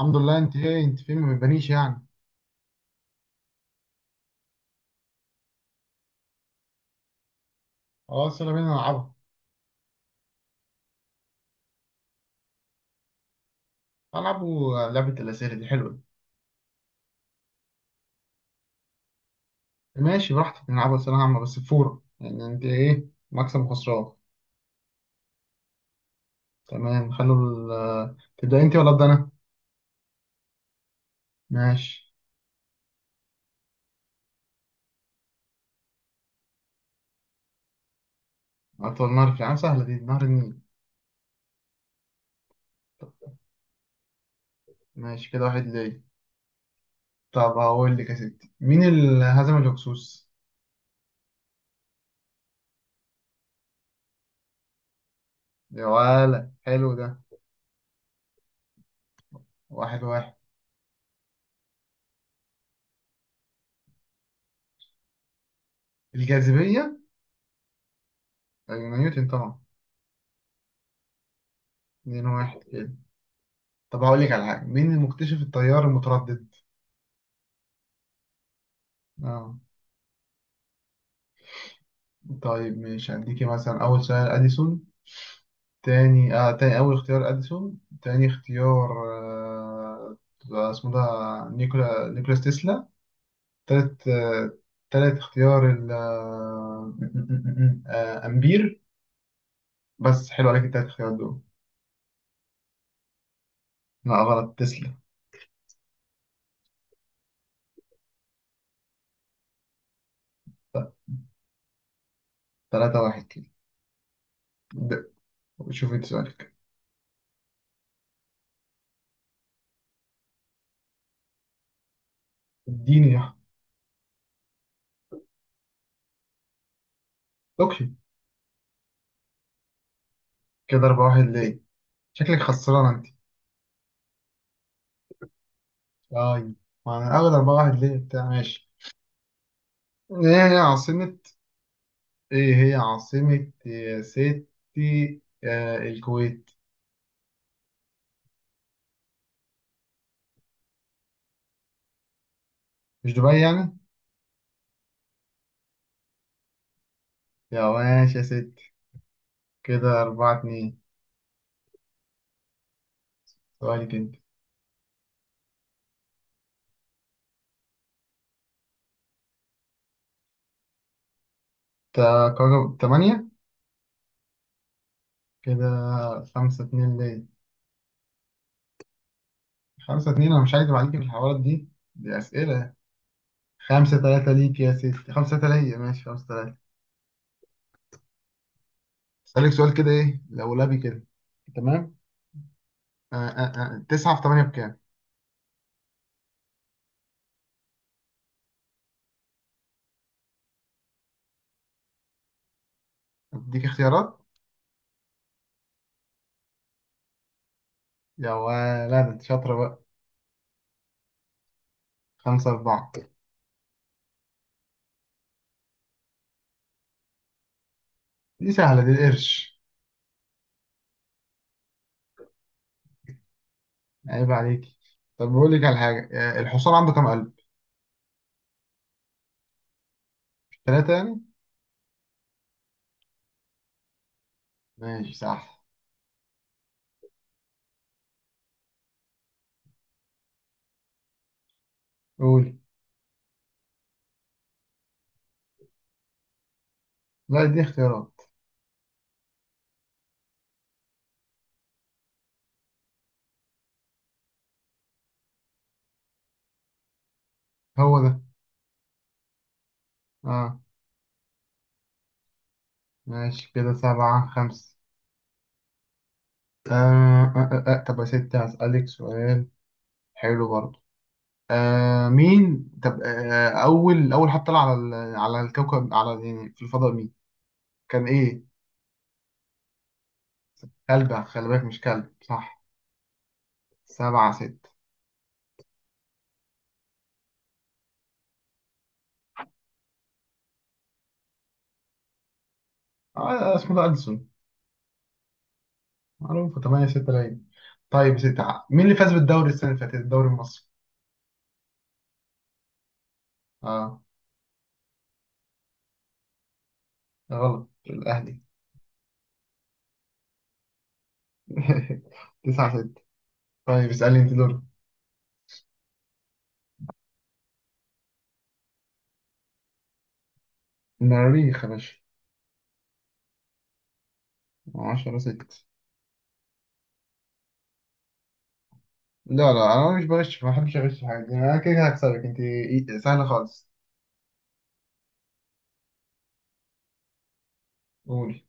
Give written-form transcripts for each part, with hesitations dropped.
الحمد لله، انت ايه، انت فين، ما بتبانيش يعني. خلاص، يلا بينا نلعبها. هنلعبوا لعبة الأسئلة، دي حلوة دي. ماشي، براحتك نلعبها أسئلة عامة بس بفورة، يعني انت ايه؟ مكسب وخسران؟ تمام. خلوا ال... آه، تبدأ انت ولا أبدأ أنا؟ ماشي. أطول نهر في العالم، سهلة دي. نهر النيل. طب ماشي، كده واحد ليه. طب هقول لك يا ستي، مين اللي هزم الهكسوس؟ يا ولا، حلو ده. 1-1. الجاذبية؟ أيوة، نيوتن طبعا. 2-1 كده. طب هقول لك على حاجة، مين المكتشف التيار المتردد؟ اه. طيب، مش هديكي مثلا؟ أول سؤال، أديسون. تاني أول اختيار أديسون. تاني اختيار، آه اسمه ده نيكولا نيكولاس تسلا. تالت آه تالت اختيار ال آه أمبير. بس حلو عليك التلات اختيارات دول. لا، غلط. تسلا. ط- 3-1 كده. د- شوف انت سؤالك. اديني يا أحمد. اوكي. كده أربعة واحد ليه. شكلك خسران انت. أي. ما أنا أول أربعة واحد ليه بتاع ماشي. ايه هي عاصمة ايه هي عاصمة يا ستي الكويت؟ مش دبي يعني؟ يا ماشي يا ستي. كده 4-2. سؤالك انت. كوكب تمانية. كده خمسة اتنين ليه. خمسة اتنين، أنا مش هكدب عليك في الحوارات دي. دي أسئلة. خمسة تلاتة ليك يا ستي، خمسة تلاتة ليا، ماشي 5-3. أسألك سؤال كده ايه، لولبي كده. تمام. 9×8 بكام؟ أديك اختيارات. يا ولد، شاطرة بقى. 5-4. دي سهلة دي، القرش. عيب عليك. طب بقول لك على حاجة، الحصان عنده كام قلب؟ ثلاثة يعني؟ ماشي صح. قول. لا، دي اختيارات. هو ده. اه. ماشي كده 7-5. آه طب يا ستي هسألك سؤال حلو برضه. مين، طب، أول حد طلع على الكوكب، على، يعني في الفضاء، مين؟ كان إيه؟ كلب. خلي بالك مش كلب، صح. 7-6. اسمه ده ألسون. معروفة. 8-6 لعيب. طيب يا ستي، مين اللي فاز بالدوري السنة اللي فاتت، الدوري المصري؟ اه. غلط، الأهلي. 9-6. طيب اسألني، انت دور. المريخ يا باشا. 10-6. لا لا، أنا مش بغش، ما بحبش أغش في حاجة. أنا كده كده هكسبك انت. سهلة خالص. قولي.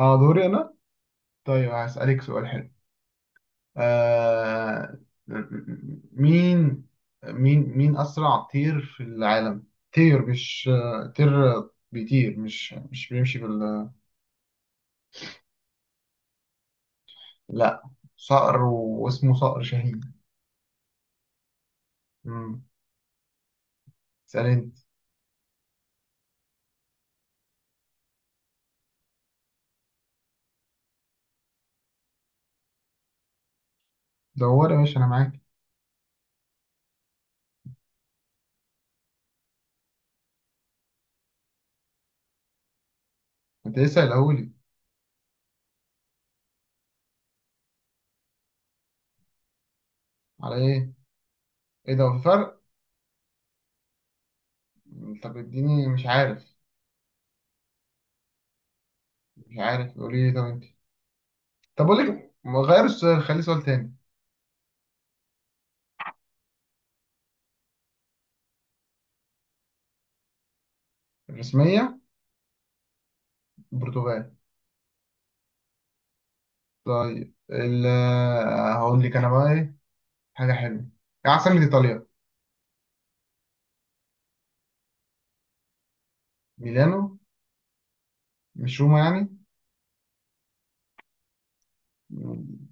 اه، دوري أنا. طيب هسألك سؤال حلو. آه... مين، مين أسرع طير في العالم؟ طير، مش طير بيطير، مش بيمشي بال... لا، صقر، واسمه صقر شاهين. مم. اسألني. دور يا باشا، انا معاك. انت لسه قايلهولي. على ايه؟ ايه ده؟ هو في فرق. طب اديني، مش عارف. مش عارف، قولي لي طب انت. طب اقول لك، ما غير السؤال، خلي سؤال تاني. الرسميه؟ البرتغال. طيب، هقول لك انا بقى ايه. حاجه حلوه. ايه عاصمه ايطاليا؟ ميلانو. مش روما يعني؟ مم.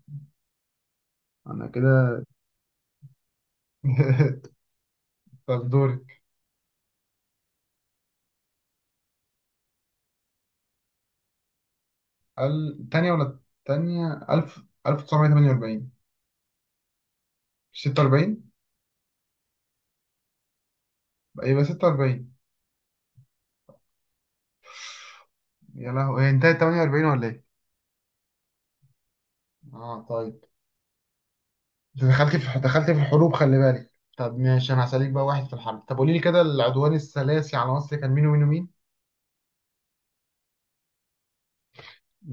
انا كده. طب دورك. تانية ولا تانية؟ ألف 1948. 46. يبقى 46. يا لهوي، هي انتهت 48 ولا ايه؟ اه طيب. انت دخلت في الحروب، خلي بالك. طب ماشي، انا هسألك بقى واحد في الحرب. طب قولي لي كده، العدوان الثلاثي على مصر كان مين ومين ومين؟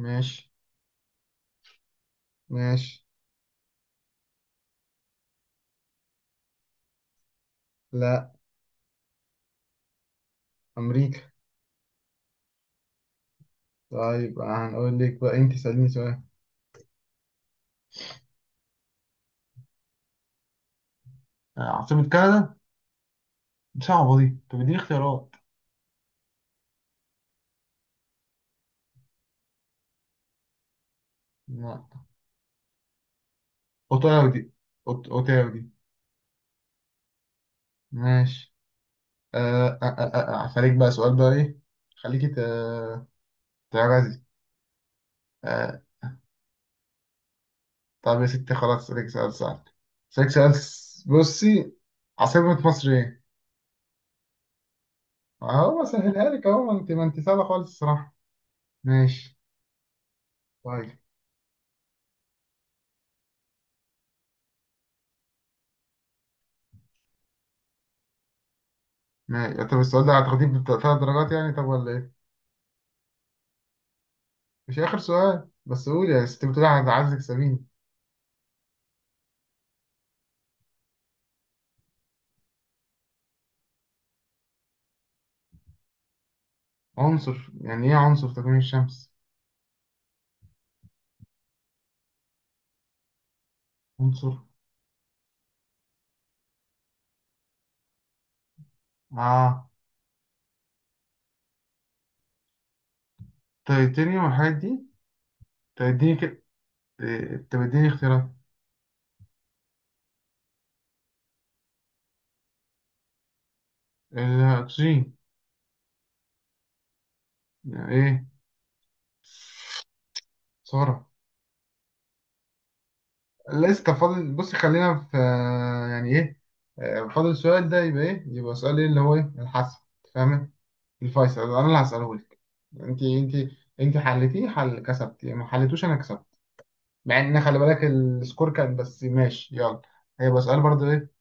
ماشي. ماشي. لا. امريكا. طيب هنقول لك بقى، انت سأليني سؤال. عاصمة كندا. دي صعبة دي، طب اديني اختيارات. لا. اوتاوا دي. اوتاوا دي. ماشي. آه، آه، آه، آه، هسألك بقى سؤال بقى ايه. خليكي تعجزي. آه، طب يا ستي خلاص، اسألك سؤال سهل. اسألك سؤال، بصي. عاصمة مصر ايه؟ اهو بسهلها لك اهو، ما انت سهله خالص الصراحه. ماشي. طيب. ماشي. طب السؤال ده هتاخديه بثلاث درجات يعني، طب ولا ايه؟ مش اخر سؤال بس، قول يا ست، بتقولي هتعزك، سبيني. عنصر؟ يعني ايه عنصر في تكوين الشمس؟ عنصر؟ اه، تيتانيوم والحاجات دي. طب اديني كده. إيه، طب اديني اختيارات. الاكسجين. يعني ايه؟ سعره؟ لسه فاضل، بص خلينا في يعني ايه. فاضل السؤال ده، يبقى ايه، يبقى سؤال ايه، اللي هو ايه، الحسب. فاهم؟ الفيصل انا اللي هسأله. انت. انت حلتيه حل، كسبتي، ما حلتوش، انا كسبت. مع ان خلي بالك السكور كان، بس ماشي يلا. هيبقى سؤال برضه ايه،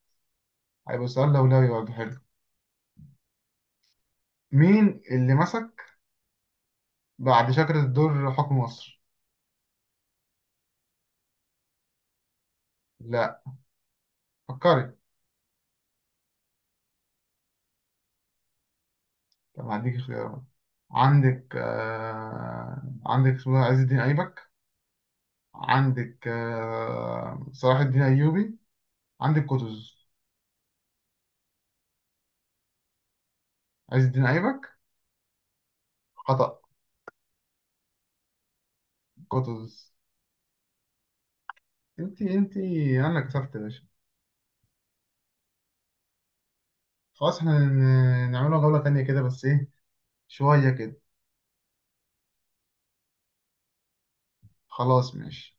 هيبقى سؤال لولبي برضه حلو. مين اللي مسك بعد شجرة الدر حكم مصر؟ لا، فكري. طب هديك اختيارات. عندك اسمه ده عز الدين ايبك. عندك صلاح الدين ايوبي. عندك قطز. عز الدين ايبك؟ خطأ. قطز. انت. انا كسبت يا باشا. خلاص احنا نعملها جولة تانية كده بس ايه، شوية كده. خلاص ماشي.